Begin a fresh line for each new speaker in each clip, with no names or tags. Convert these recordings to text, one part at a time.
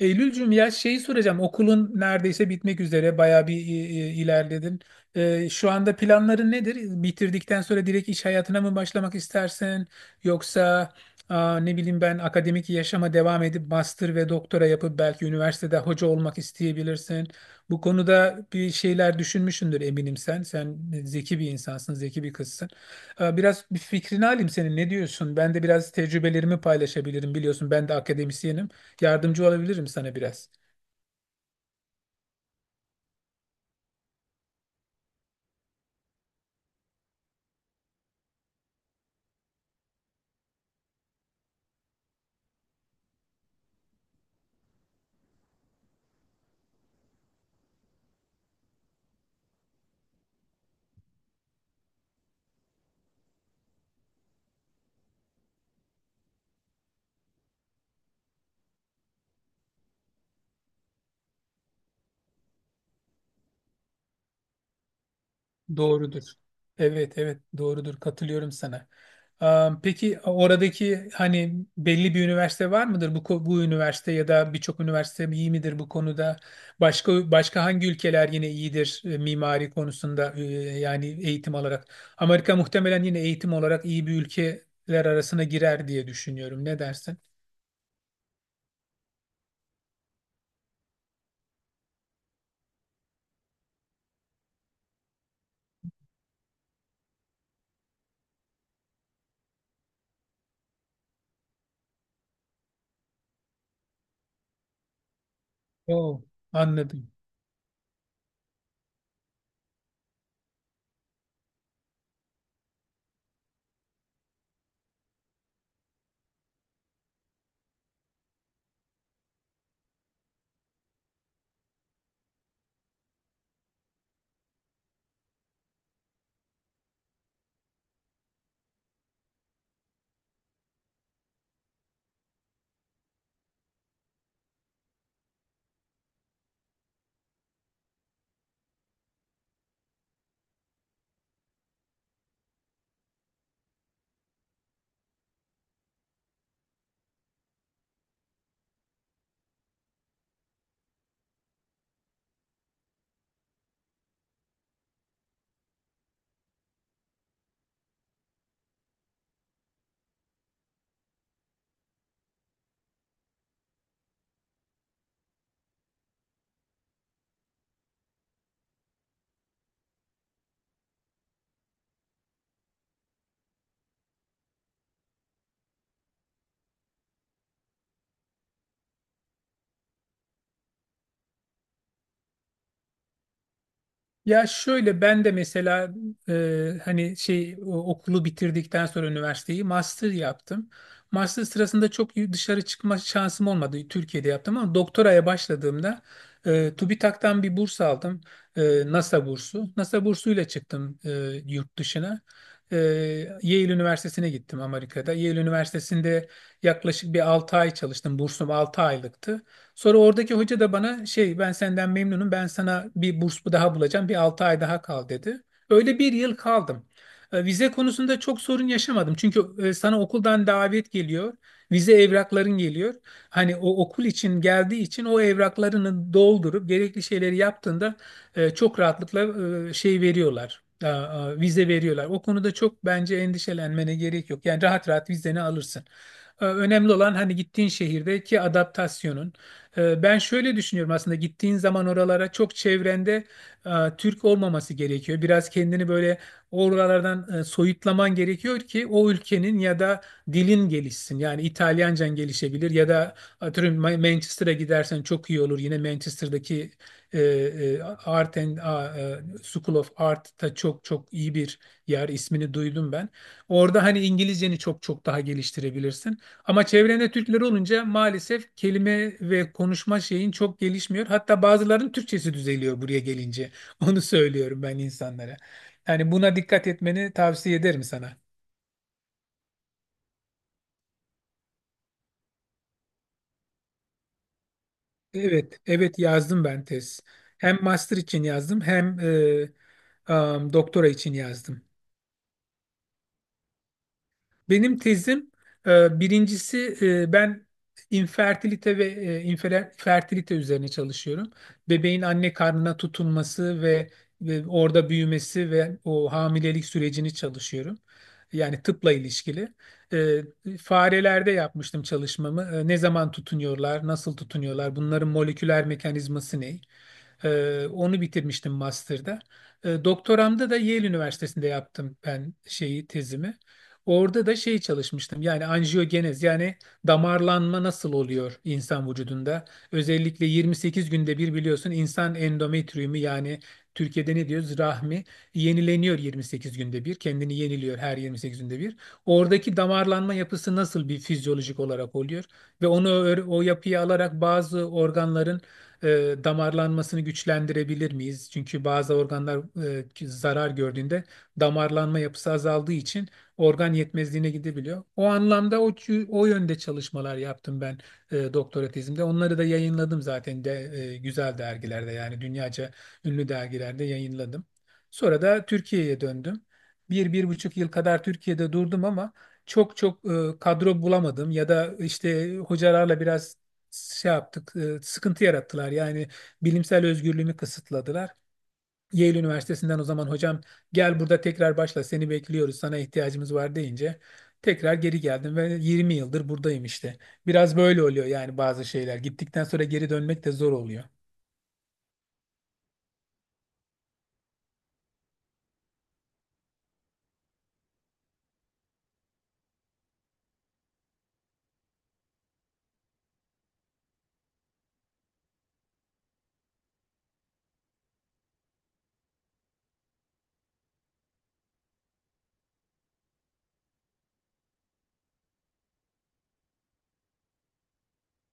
Eylülcüm ya şeyi soracağım. Okulun neredeyse bitmek üzere. Bayağı bir ilerledin. Şu anda planların nedir? Bitirdikten sonra direkt iş hayatına mı başlamak istersin? Yoksa ne bileyim ben akademik yaşama devam edip master ve doktora yapıp belki üniversitede hoca olmak isteyebilirsin. Bu konuda bir şeyler düşünmüşsündür eminim sen. Sen zeki bir insansın, zeki bir kızsın. Biraz bir fikrini alayım senin. Ne diyorsun? Ben de biraz tecrübelerimi paylaşabilirim. Biliyorsun ben de akademisyenim. Yardımcı olabilirim sana biraz. Doğrudur. Evet, evet, doğrudur. Katılıyorum sana. Peki oradaki hani belli bir üniversite var mıdır? Bu üniversite ya da birçok üniversite iyi midir bu konuda? Başka başka hangi ülkeler yine iyidir mimari konusunda, yani eğitim olarak? Amerika muhtemelen yine eğitim olarak iyi bir ülkeler arasına girer diye düşünüyorum. Ne dersin? Oo, anladım. Ya şöyle ben de mesela hani okulu bitirdikten sonra üniversiteyi master yaptım. Master sırasında çok dışarı çıkma şansım olmadı. Türkiye'de yaptım ama doktoraya başladığımda TÜBİTAK'tan bir burs aldım. E, NASA bursu. NASA bursuyla çıktım yurt dışına. E, Yale Üniversitesi'ne gittim Amerika'da. Yale Üniversitesi'nde yaklaşık bir 6 ay çalıştım. Bursum 6 aylıktı. Sonra oradaki hoca da bana şey ben senden memnunum, ben sana bir burs daha bulacağım, bir 6 ay daha kal dedi. Öyle bir yıl kaldım. Vize konusunda çok sorun yaşamadım. Çünkü sana okuldan davet geliyor. Vize evrakların geliyor. Hani o okul için geldiği için o evraklarını doldurup gerekli şeyleri yaptığında çok rahatlıkla şey veriyorlar. Vize veriyorlar. O konuda çok bence endişelenmene gerek yok. Yani rahat rahat vizeni alırsın. Önemli olan hani gittiğin şehirdeki adaptasyonun. Ben şöyle düşünüyorum, aslında gittiğin zaman oralara çok çevrende e, Türk olmaması gerekiyor. Biraz kendini böyle oralardan soyutlaman gerekiyor ki o ülkenin ya da dilin gelişsin. Yani İtalyancan gelişebilir ya da atıyorum Manchester'a gidersen çok iyi olur. Yine Manchester'daki Art and School of Art'ta çok çok iyi bir yer ismini duydum ben. Orada hani İngilizceni çok çok daha geliştirebilirsin. Ama çevrende Türkler olunca maalesef kelime ve konuşma şeyin çok gelişmiyor. Hatta bazılarının Türkçesi düzeliyor buraya gelince. Onu söylüyorum ben insanlara. Yani buna dikkat etmeni tavsiye ederim sana. Evet, evet yazdım ben tez. Hem master için yazdım hem doktora için yazdım. Benim tezim, birincisi, ben infertilite ve fertilite üzerine çalışıyorum. Bebeğin anne karnına tutunması ve, ve orada büyümesi ve o hamilelik sürecini çalışıyorum. Yani tıpla ilişkili. E, Farelerde yapmıştım çalışmamı. E, ne zaman tutunuyorlar, nasıl tutunuyorlar, bunların moleküler mekanizması ne? Onu bitirmiştim master'da. Doktoramda da Yale Üniversitesi'nde yaptım ben şeyi, tezimi. Orada da şey çalışmıştım. Yani anjiyogenez, yani damarlanma nasıl oluyor insan vücudunda? Özellikle 28 günde bir, biliyorsun, insan endometriyumu, yani Türkiye'de ne diyoruz, rahmi, yenileniyor 28 günde bir. Kendini yeniliyor her 28 günde bir. Oradaki damarlanma yapısı nasıl bir fizyolojik olarak oluyor ve onu o yapıyı alarak bazı organların damarlanmasını güçlendirebilir miyiz? Çünkü bazı organlar zarar gördüğünde damarlanma yapısı azaldığı için organ yetmezliğine gidebiliyor. O anlamda o yönde çalışmalar yaptım ben doktora tezimde. Onları da yayınladım zaten de güzel dergilerde, yani dünyaca ünlü dergilerde yayınladım. Sonra da Türkiye'ye döndüm. Bir, 1,5 yıl kadar Türkiye'de durdum ama çok çok kadro bulamadım ya da işte hocalarla biraz şey yaptık, sıkıntı yarattılar. Yani bilimsel özgürlüğümü kısıtladılar. Yale Üniversitesi'nden o zaman hocam gel burada tekrar başla, seni bekliyoruz, sana ihtiyacımız var deyince tekrar geri geldim ve 20 yıldır buradayım işte. Biraz böyle oluyor, yani bazı şeyler gittikten sonra geri dönmek de zor oluyor.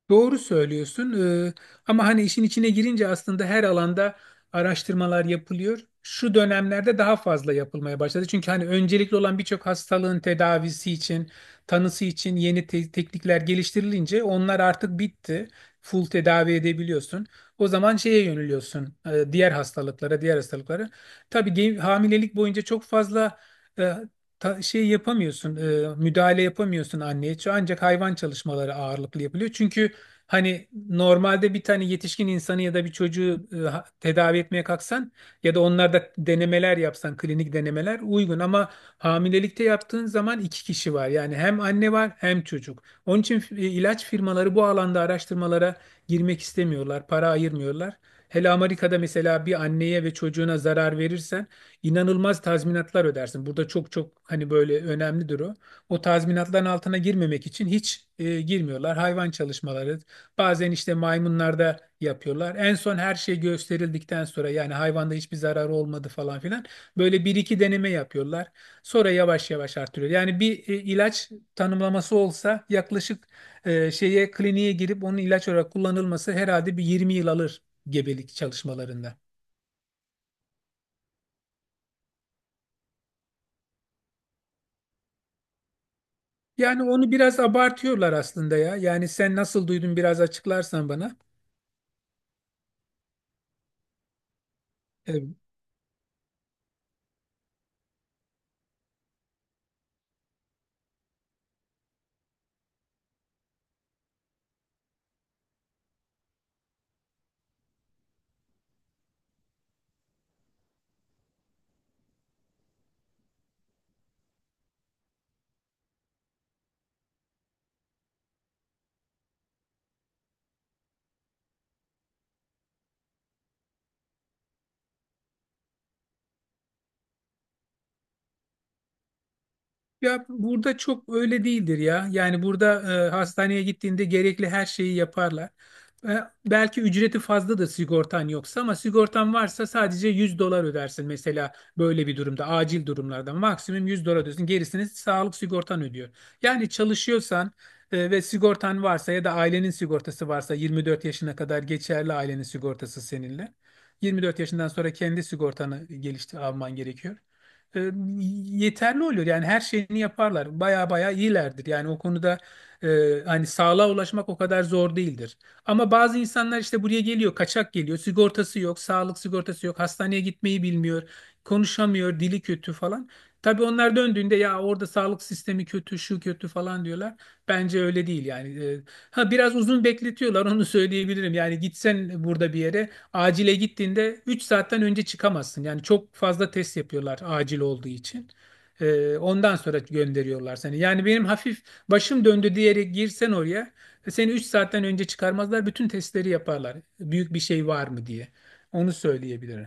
Doğru söylüyorsun. Ee, Ama hani işin içine girince aslında her alanda araştırmalar yapılıyor. Şu dönemlerde daha fazla yapılmaya başladı. Çünkü hani öncelikli olan birçok hastalığın tedavisi için, tanısı için yeni teknikler geliştirilince onlar artık bitti. Full tedavi edebiliyorsun. O zaman şeye yöneliyorsun. Diğer hastalıklara, diğer hastalıklara. Tabii hamilelik boyunca çok fazla e, şey yapamıyorsun, müdahale yapamıyorsun anneye. Ancak hayvan çalışmaları ağırlıklı yapılıyor. Çünkü hani normalde bir tane yetişkin insanı ya da bir çocuğu tedavi etmeye kalksan ya da onlarda denemeler yapsan, klinik denemeler uygun ama hamilelikte yaptığın zaman 2 kişi var. Yani hem anne var hem çocuk. Onun için ilaç firmaları bu alanda araştırmalara girmek istemiyorlar, para ayırmıyorlar. Hele Amerika'da mesela bir anneye ve çocuğuna zarar verirsen inanılmaz tazminatlar ödersin. Burada çok çok hani böyle önemlidir o. O tazminatların altına girmemek için hiç girmiyorlar. Hayvan çalışmaları, bazen işte maymunlarda yapıyorlar. En son her şey gösterildikten sonra, yani hayvanda hiçbir zararı olmadı falan filan. Böyle bir iki deneme yapıyorlar. Sonra yavaş yavaş artırıyor. Yani bir ilaç tanımlaması olsa yaklaşık e, şeye kliniğe girip onun ilaç olarak kullanılması herhalde bir 20 yıl alır gebelik çalışmalarında. Yani onu biraz abartıyorlar aslında ya. Yani sen nasıl duydun biraz açıklarsan bana. E, Ya burada çok öyle değildir ya. Yani burada hastaneye gittiğinde gerekli her şeyi yaparlar. E, Belki ücreti fazladır sigortan yoksa ama sigortan varsa sadece 100 dolar ödersin mesela, böyle bir durumda acil durumlarda maksimum 100 dolar ödersin. Gerisini sağlık sigortan ödüyor. Yani çalışıyorsan ve sigortan varsa ya da ailenin sigortası varsa 24 yaşına kadar geçerli ailenin sigortası seninle. 24 yaşından sonra kendi sigortanı geliştir alman gerekiyor, e, yeterli oluyor. Yani her şeyini yaparlar. Baya baya iyilerdir. Yani o konuda hani sağlığa ulaşmak o kadar zor değildir. Ama bazı insanlar işte buraya geliyor, kaçak geliyor. Sigortası yok, sağlık sigortası yok, hastaneye gitmeyi bilmiyor, konuşamıyor, dili kötü falan. Tabii onlar döndüğünde ya orada sağlık sistemi kötü, şu kötü falan diyorlar. Bence öyle değil yani. Ha, biraz uzun bekletiyorlar, onu söyleyebilirim. Yani gitsen burada bir yere acile gittiğinde 3 saatten önce çıkamazsın. Yani çok fazla test yapıyorlar acil olduğu için. Ondan sonra gönderiyorlar seni. Yani benim hafif başım döndü diyerek girsen oraya seni 3 saatten önce çıkarmazlar. Bütün testleri yaparlar. Büyük bir şey var mı diye. Onu söyleyebilirim.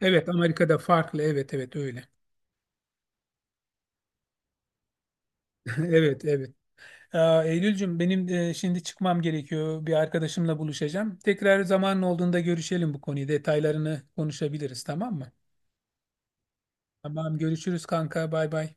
Evet, Amerika'da farklı. Evet, evet öyle. Evet, evet. Eylülcüm benim, şimdi çıkmam gerekiyor. Bir arkadaşımla buluşacağım. Tekrar zamanın olduğunda görüşelim bu konuyu. Detaylarını konuşabiliriz, tamam mı? Tamam, görüşürüz kanka, bay bay.